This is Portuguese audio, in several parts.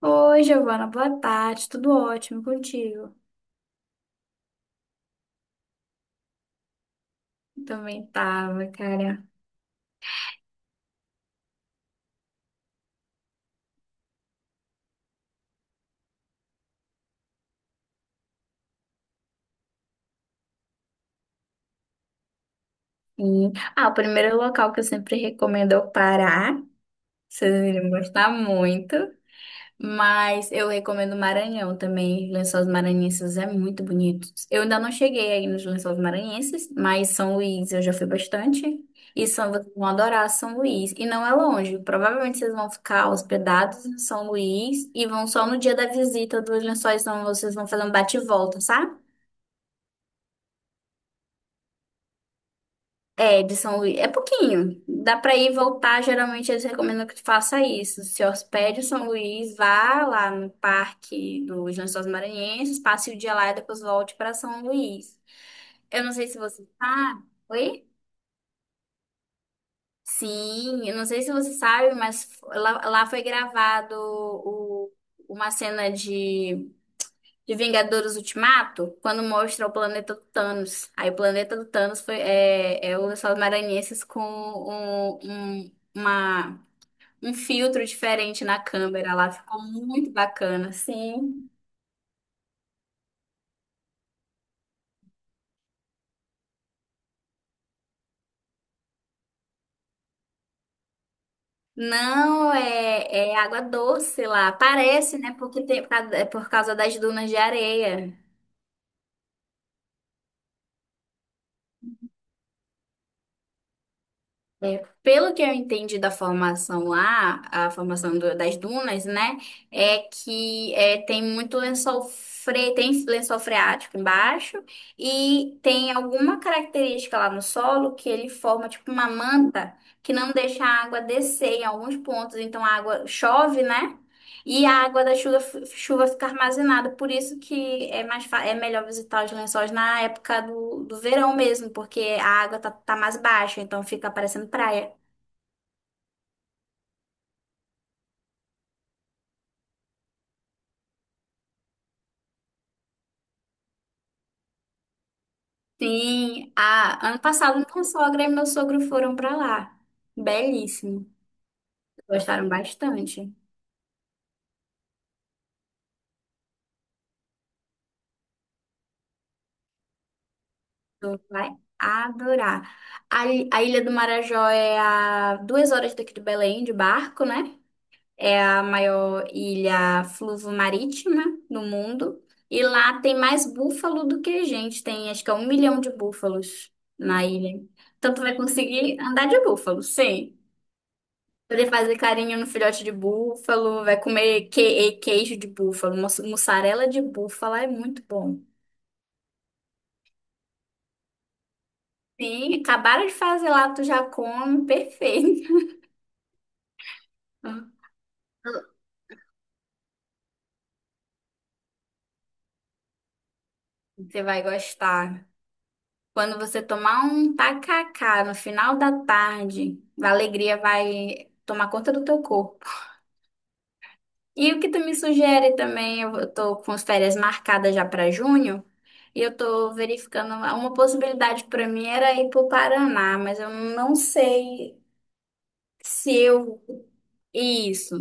Oi, Giovana, boa tarde, tudo ótimo contigo? Também tava, cara. E- Ah, o primeiro local que eu sempre recomendo é o Pará. Vocês iriam gostar muito. Mas eu recomendo Maranhão também. Lençóis Maranhenses é muito bonito. Eu ainda não cheguei aí nos Lençóis Maranhenses, mas São Luís eu já fui bastante. E são, vocês vão adorar São Luís. E não é longe. Provavelmente vocês vão ficar hospedados em São Luís e vão só no dia da visita dos lençóis, então vocês vão fazer um bate e volta, sabe? É, de São Luís. É pouquinho. Dá pra ir e voltar. Geralmente eles recomendam que tu faça isso. Se hospede em São Luís, vá lá no Parque dos Lençóis Maranhenses, passe o dia lá e depois volte pra São Luís. Eu não sei se você sabe. Oi? Sim, eu não sei se você sabe, mas lá foi gravado uma cena de Vingadores Ultimato, quando mostra o planeta do Thanos. Aí o planeta do Thanos é o lençóis maranhenses com um filtro diferente na câmera lá. Ficou muito bacana, sim. Não, é água doce lá. Parece, né? Porque é por causa das dunas de areia. É, pelo que eu entendi da formação lá, a formação das dunas, né, é que é, tem lençol freático embaixo e tem alguma característica lá no solo que ele forma tipo uma manta que não deixa a água descer em alguns pontos, então a água chove, né? E a água da chuva fica armazenada, por isso que é melhor visitar os lençóis na época do verão mesmo, porque a água tá mais baixa, então fica parecendo praia. Sim, ano passado minha sogra e meu sogro foram pra lá. Belíssimo. Gostaram bastante. Tu vai adorar. A Ilha do Marajó é a 2 horas daqui de Belém, de barco, né? É a maior ilha fluvomarítima marítima do mundo. E lá tem mais búfalo do que gente. Tem acho que é 1 milhão de búfalos na ilha. Então tu vai conseguir andar de búfalo, sim. Poder fazer carinho no filhote de búfalo, vai comer queijo de búfalo, mussarela de búfalo, é muito bom. Sim, acabaram de fazer lá, tu já come, perfeito. Você vai gostar. Quando você tomar um tacacá no final da tarde, a alegria vai tomar conta do teu corpo. E o que tu me sugere também, eu tô com as férias marcadas já para junho, e eu tô verificando uma possibilidade para mim era ir pro Paraná, mas eu não sei se eu isso.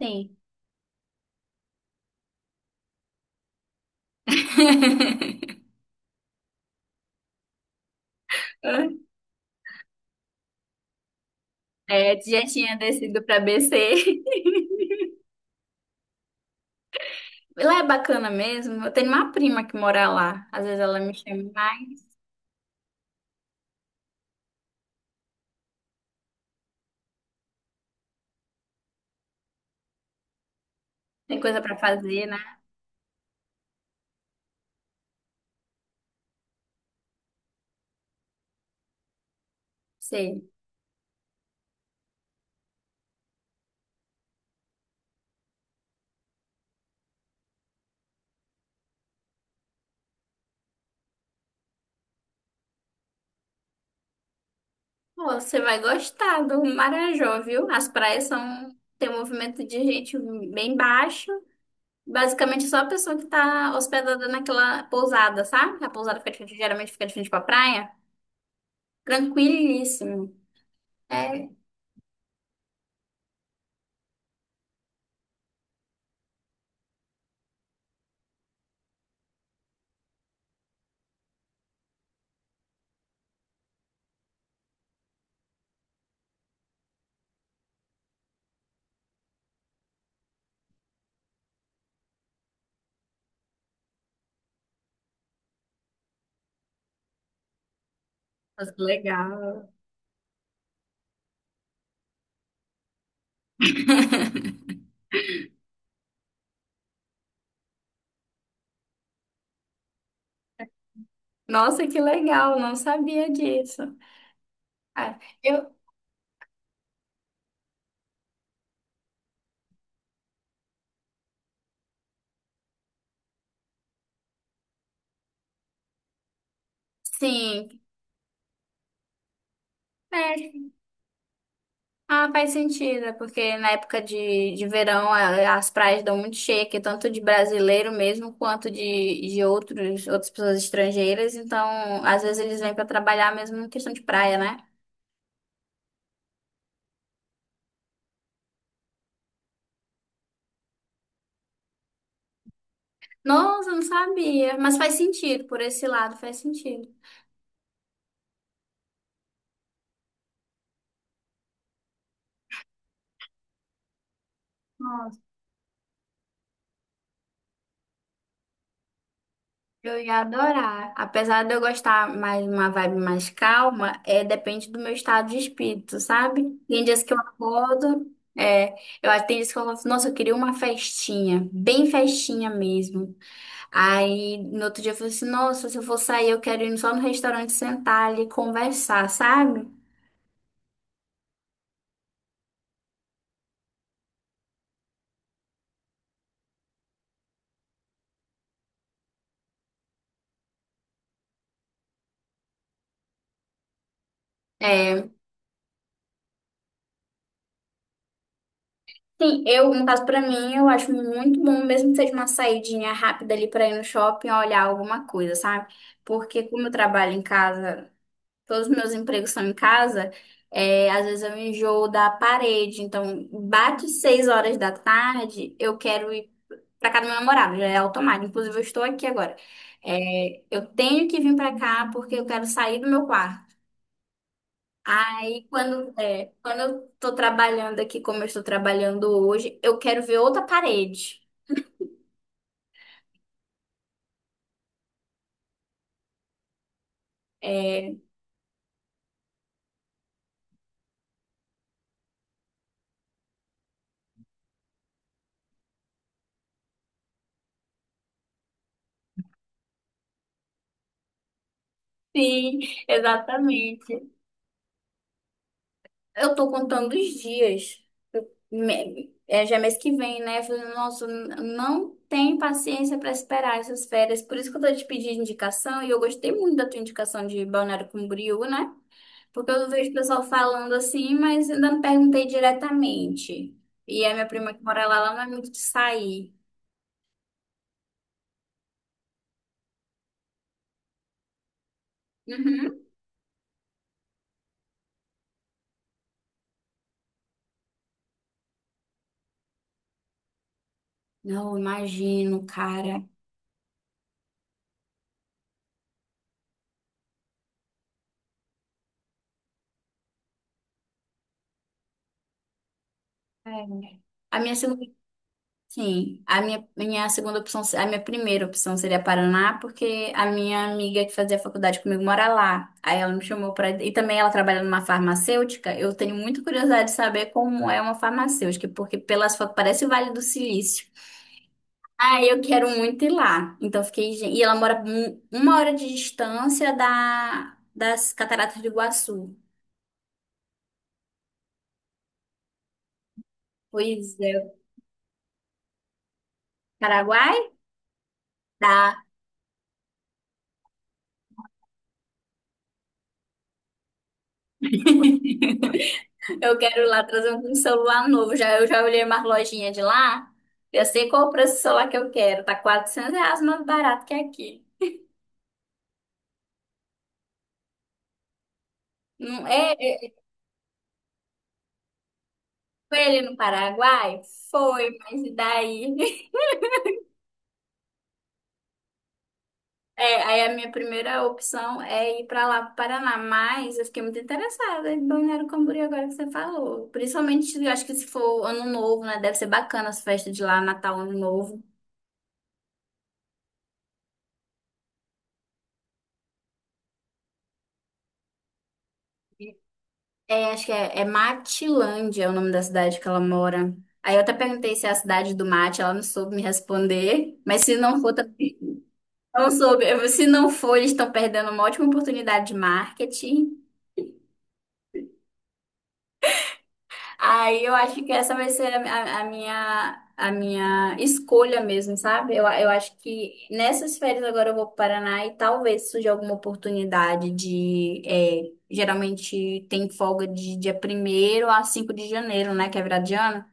Sim. É, já tinha descido para BC. Lá é bacana mesmo. Eu tenho uma prima que mora lá. Às vezes ela me chama. Tem coisa pra fazer, né? Sei. Pô, você vai gostar do Marajó, viu? As praias são. Tem um movimento de gente bem baixo. Basicamente, é só a pessoa que tá hospedada naquela pousada, sabe? A pousada fica de frente- geralmente fica de frente pra praia. Tranquilíssimo. É. Nossa, que legal. Nossa, que legal. Não sabia disso. Ah, eu. Sim. É. Ah, faz sentido, é porque na época de verão as praias dão muito cheia, aqui, tanto de brasileiro mesmo quanto de outras pessoas estrangeiras. Então, às vezes eles vêm para trabalhar mesmo em questão de praia, né? Nossa, eu não sabia, mas faz sentido, por esse lado faz sentido. Eu ia adorar. Apesar de eu gostar mais uma vibe mais calma, é depende do meu estado de espírito, sabe? Tem dias que eu acordo, é, tem dias que eu falo, assim, nossa, eu queria uma festinha, bem festinha mesmo. Aí no outro dia eu falei assim, nossa, se eu for sair, eu quero ir só no restaurante sentar ali e conversar, sabe? É, sim, eu, no caso pra mim, eu acho muito bom, mesmo que seja uma saidinha rápida ali pra ir no shopping olhar alguma coisa, sabe? Porque como eu trabalho em casa todos os meus empregos são em casa, é, às vezes eu enjoo da parede. Então, bate 6 horas da tarde, eu quero ir pra casa do meu namorado, já é automático. Inclusive, eu estou aqui agora. É, eu tenho que vir pra cá porque eu quero sair do meu quarto. Aí, quando, é, quando eu tô trabalhando aqui, como eu estou trabalhando hoje, eu quero ver outra parede. É, sim, exatamente. Eu tô contando os dias. É já é mês que vem, né? Eu falei, nossa, não tem paciência para esperar essas férias. Por isso que eu tô te pedindo indicação e eu gostei muito da tua indicação de Balneário Camboriú, né? Porque eu vejo o pessoal falando assim, mas ainda não perguntei diretamente. E a minha prima que mora lá, ela não é muito de sair. Uhum. Não, imagino, cara. É. A minha segunda Sim, minha segunda opção, a minha primeira opção seria Paraná, porque a minha amiga que fazia faculdade comigo mora lá. Aí ela me chamou para e também ela trabalha numa farmacêutica. Eu tenho muita curiosidade de saber como é uma farmacêutica, porque pelas fotos parece o Vale do Silício. Ah, eu quero muito ir lá. Então fiquei, "Gen-" e ela mora 1 hora de distância da das Cataratas do Iguaçu. Pois é, Paraguai? Tá. Eu quero lá trazer um celular novo. Já, eu já olhei umas lojinhas de lá. Eu sei qual o preço do celular que eu quero. Tá R$ 400 mais barato que aqui. Não é? Foi ele no Paraguai? Foi, mas e daí? É, aí a minha primeira opção é ir pra lá, pro Paraná. Mas eu fiquei muito interessada em Balneário Camboriú agora que você falou. Principalmente, eu acho que se for ano novo, né? Deve ser bacana as festas de lá, Natal, ano novo. É, acho que é, é Matilândia é o nome da cidade que ela mora. Aí eu até perguntei se é a cidade do mate, ela não soube me responder. Mas se não for, também não soube. Eu- Se não for, eles estão perdendo uma ótima oportunidade de marketing. Aí eu acho que essa vai ser a minha escolha mesmo, sabe? Eu acho que nessas férias agora eu vou para o Paraná e talvez surja alguma oportunidade de. É, geralmente tem folga de dia 1º a 5 de janeiro, né? Que é virada de ano.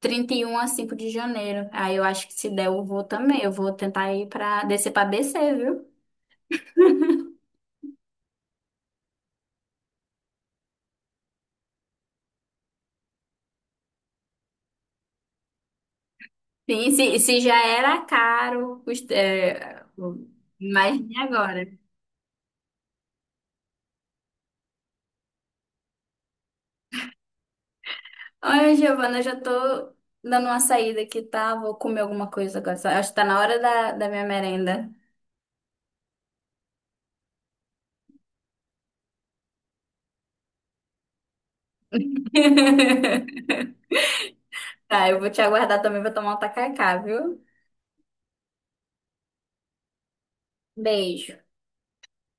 31 a 5 de janeiro. Aí eu acho que se der, eu vou também. Eu vou tentar ir pra descer, viu? Sim, se já era caro, imagine agora. Olha, Giovana, eu já tô dando uma saída aqui, tá? Vou comer alguma coisa agora. Só- Acho que tá na hora da minha merenda. Tá, eu vou te aguardar também, vou tomar um tacacá, viu? Beijo.